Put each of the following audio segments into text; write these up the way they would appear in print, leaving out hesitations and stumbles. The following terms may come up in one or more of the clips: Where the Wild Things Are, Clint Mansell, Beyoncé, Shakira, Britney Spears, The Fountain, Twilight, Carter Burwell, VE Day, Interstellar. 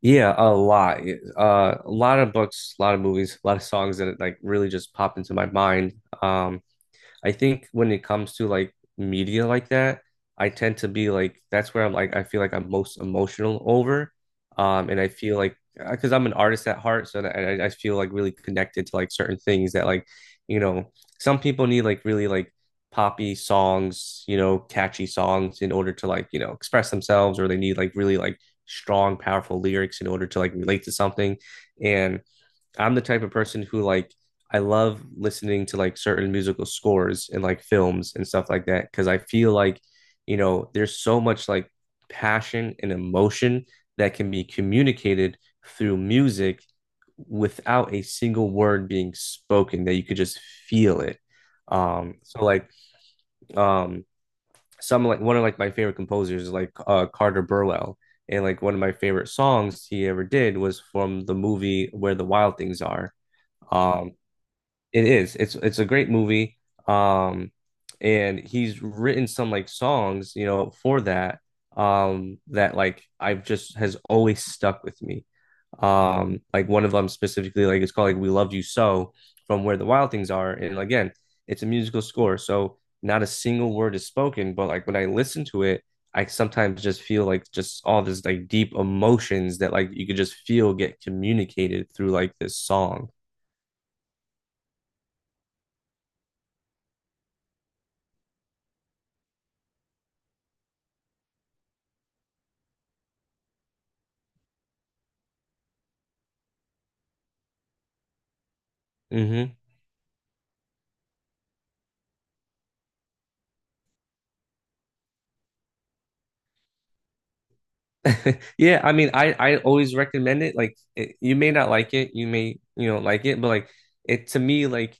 Yeah, a lot. A lot of books, a lot of movies, a lot of songs that like really just popped into my mind. Um, I think when it comes to like media like that, I tend to be like that's where I'm like I feel like I'm most emotional over. And I feel like because I'm an artist at heart, so that I feel like really connected to like certain things that like, you know, some people need like really like poppy songs, catchy songs in order to like, express themselves, or they need like really like strong, powerful lyrics in order to like relate to something. And I'm the type of person who like I love listening to like certain musical scores and like films and stuff like that because I feel like, there's so much like passion and emotion that can be communicated through music without a single word being spoken that you could just feel it. So like um some like one of like my favorite composers is like Carter Burwell. And like one of my favorite songs he ever did was from the movie Where the Wild Things Are um, it is. It's a great movie. Um, and he's written some like songs, for that. That like I've just has always stuck with me. Like one of them specifically, like it's called like "We Loved You So" from Where the Wild Things Are, and again, it's a musical score, so not a single word is spoken. But like when I listen to it, I sometimes just feel like just all this like deep emotions that like you could just feel get communicated through like this song. Mm-hmm. Yeah, I mean, I always recommend it. Like, it, you may not like it, you may like it, but like it to me, like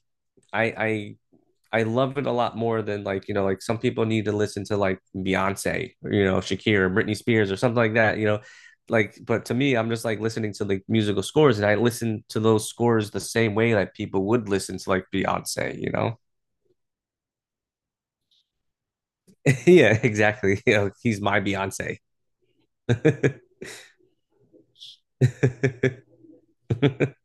I I I love it a lot more than like like some people need to listen to like Beyonce, or, Shakira, Britney Spears, or something like that. Like but to me, I'm just like listening to like musical scores, and I listen to those scores the same way that people would listen to like Beyonce. Yeah, exactly. He's my Beyonce.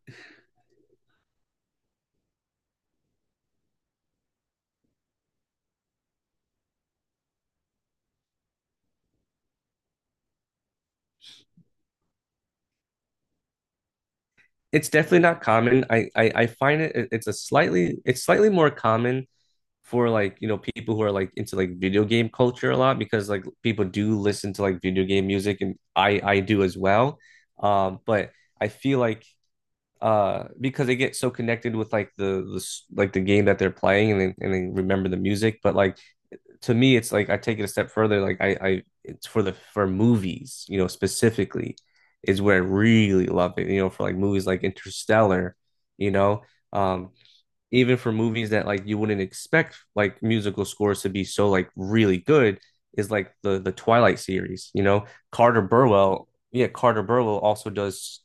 It's definitely not common. I find it's slightly more common for like people who are like into like video game culture a lot because like people do listen to like video game music and I do as well. But I feel like because they get so connected with like like the game that they're playing and they remember the music, but like to me it's like I take it a step further like I it's for movies, specifically, is where I really love it, for like movies like Interstellar. you know um Even for movies that like you wouldn't expect like musical scores to be so like really good is like the Twilight series. Carter Burwell, yeah, Carter Burwell also does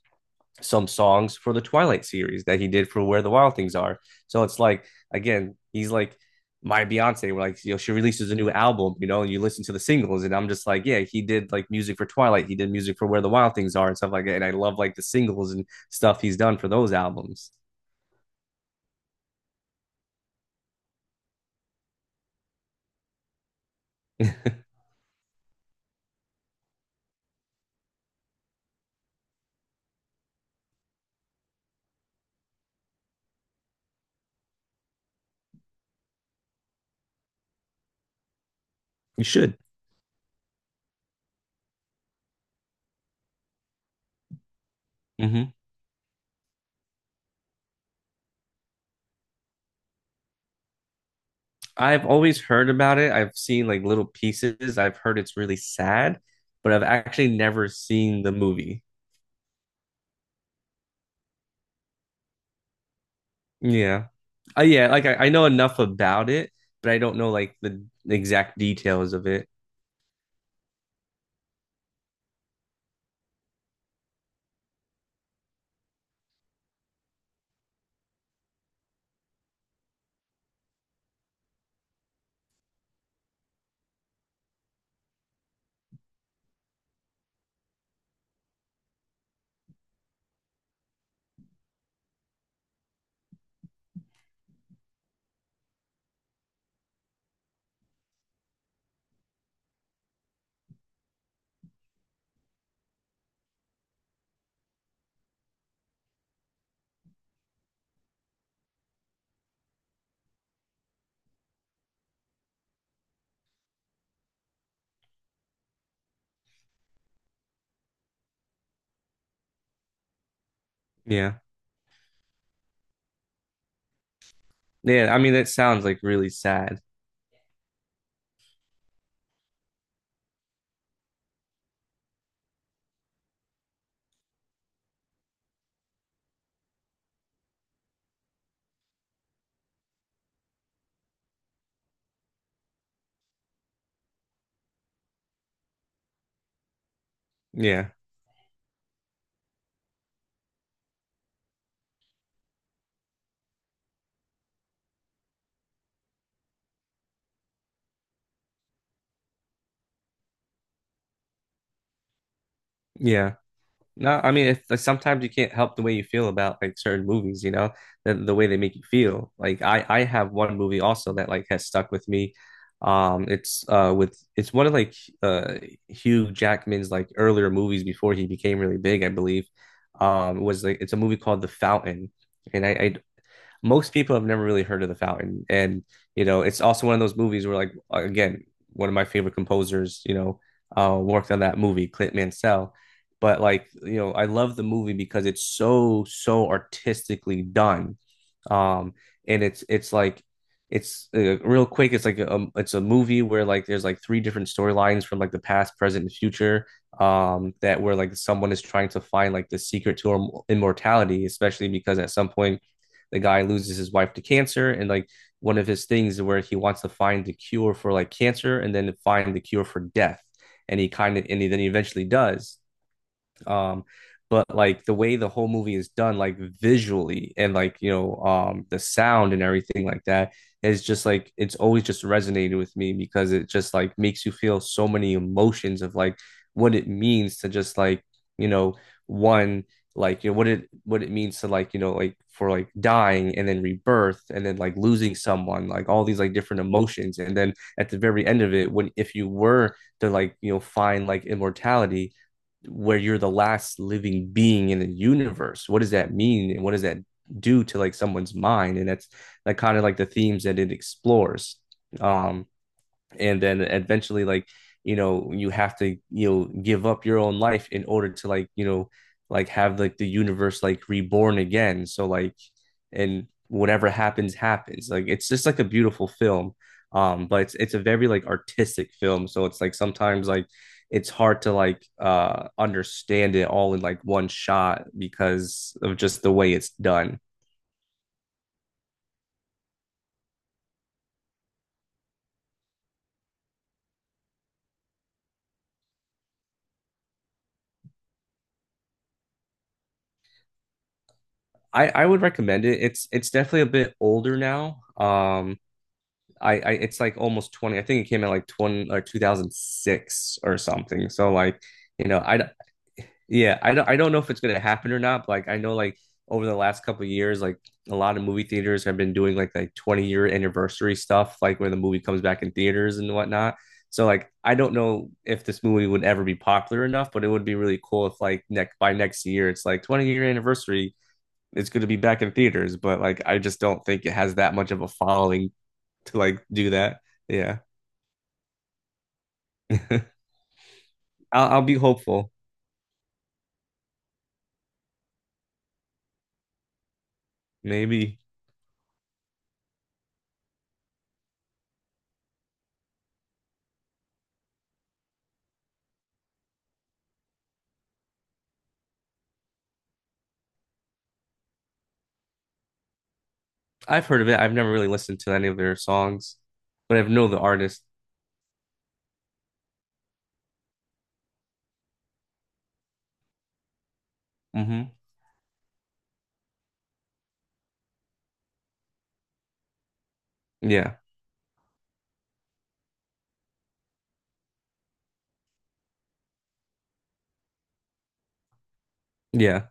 some songs for the Twilight series that he did for Where the Wild Things Are. So it's like again, he's like my Beyonce, where like she releases a new album, and you listen to the singles, and I'm just like, yeah, he did like music for Twilight, he did music for Where the Wild Things Are and stuff like that, and I love like the singles and stuff he's done for those albums. You should. Mm-hmm. I've always heard about it. I've seen like little pieces. I've heard it's really sad, but I've actually never seen the movie. Yeah. Yeah, like I know enough about it, but I don't know like the exact details of it. Yeah. Yeah, I mean that sounds like really sad. Yeah. Yeah. No, I mean if like, sometimes you can't help the way you feel about like certain movies, the way they make you feel. Like I have one movie also that like has stuck with me. It's one of like uh Hugh Jackman's like earlier movies before he became really big, I believe. Was like it's a movie called The Fountain, and most people have never really heard of The Fountain. And it's also one of those movies where like again one of my favorite composers, worked on that movie, Clint Mansell. But like I love the movie because it's so so artistically done. Um and it's like it's Real quick it's like a, it's a movie where like there's like three different storylines from like the past, present and future, that where like someone is trying to find like the secret to immortality, especially because at some point the guy loses his wife to cancer, and like one of his things where he wants to find the cure for like cancer and then find the cure for death, and he kind of and he, then he eventually does. Um, but like the way the whole movie is done, like visually and like the sound and everything like that, is just like it's always just resonated with me because it just like makes you feel so many emotions of like what it means to just like, you know one, like what it means to like, like for like dying and then rebirth and then like losing someone, like all these like different emotions, and then at the very end of it when if you were to like find like immortality where you're the last living being in the universe, what does that mean and what does that do to like someone's mind? And that's like kind of like the themes that it explores. Um and Then eventually like, you have to give up your own life in order to like, like have like the universe like reborn again. So like and whatever happens happens, like it's just like a beautiful film. But It's a very like artistic film, so it's like sometimes like it's hard to like understand it all in like one shot because of just the way it's done. I would recommend it. It's definitely a bit older now. I it's like almost 20, I think it came out like 20 or 2006 or something. So like you know I yeah, I don't know if it's gonna happen or not. But like I know like over the last couple of years, like a lot of movie theaters have been doing like 20-year anniversary stuff, like when the movie comes back in theaters and whatnot. So like I don't know if this movie would ever be popular enough, but it would be really cool if like next by next year it's like 20-year anniversary, it's gonna be back in theaters. But like I just don't think it has that much of a following to like do that. Yeah. I'll, I'll be hopeful. Maybe. I've heard of it. I've never really listened to any of their songs, but I know the artist. Hmm. Yeah. Yeah.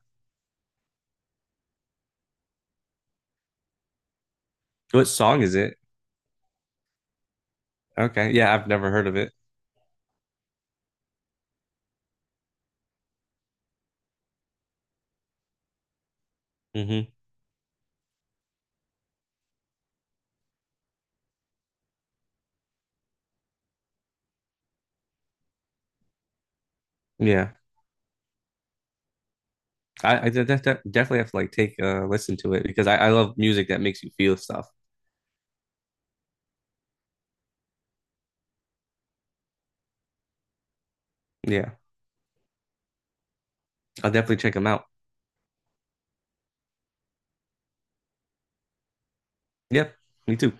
What song is it? Okay. Yeah, I've never heard of it. Hmm. Yeah. I definitely have to like take a listen to it because I love music that makes you feel stuff. Yeah. I'll definitely check them out. Yep. Me too.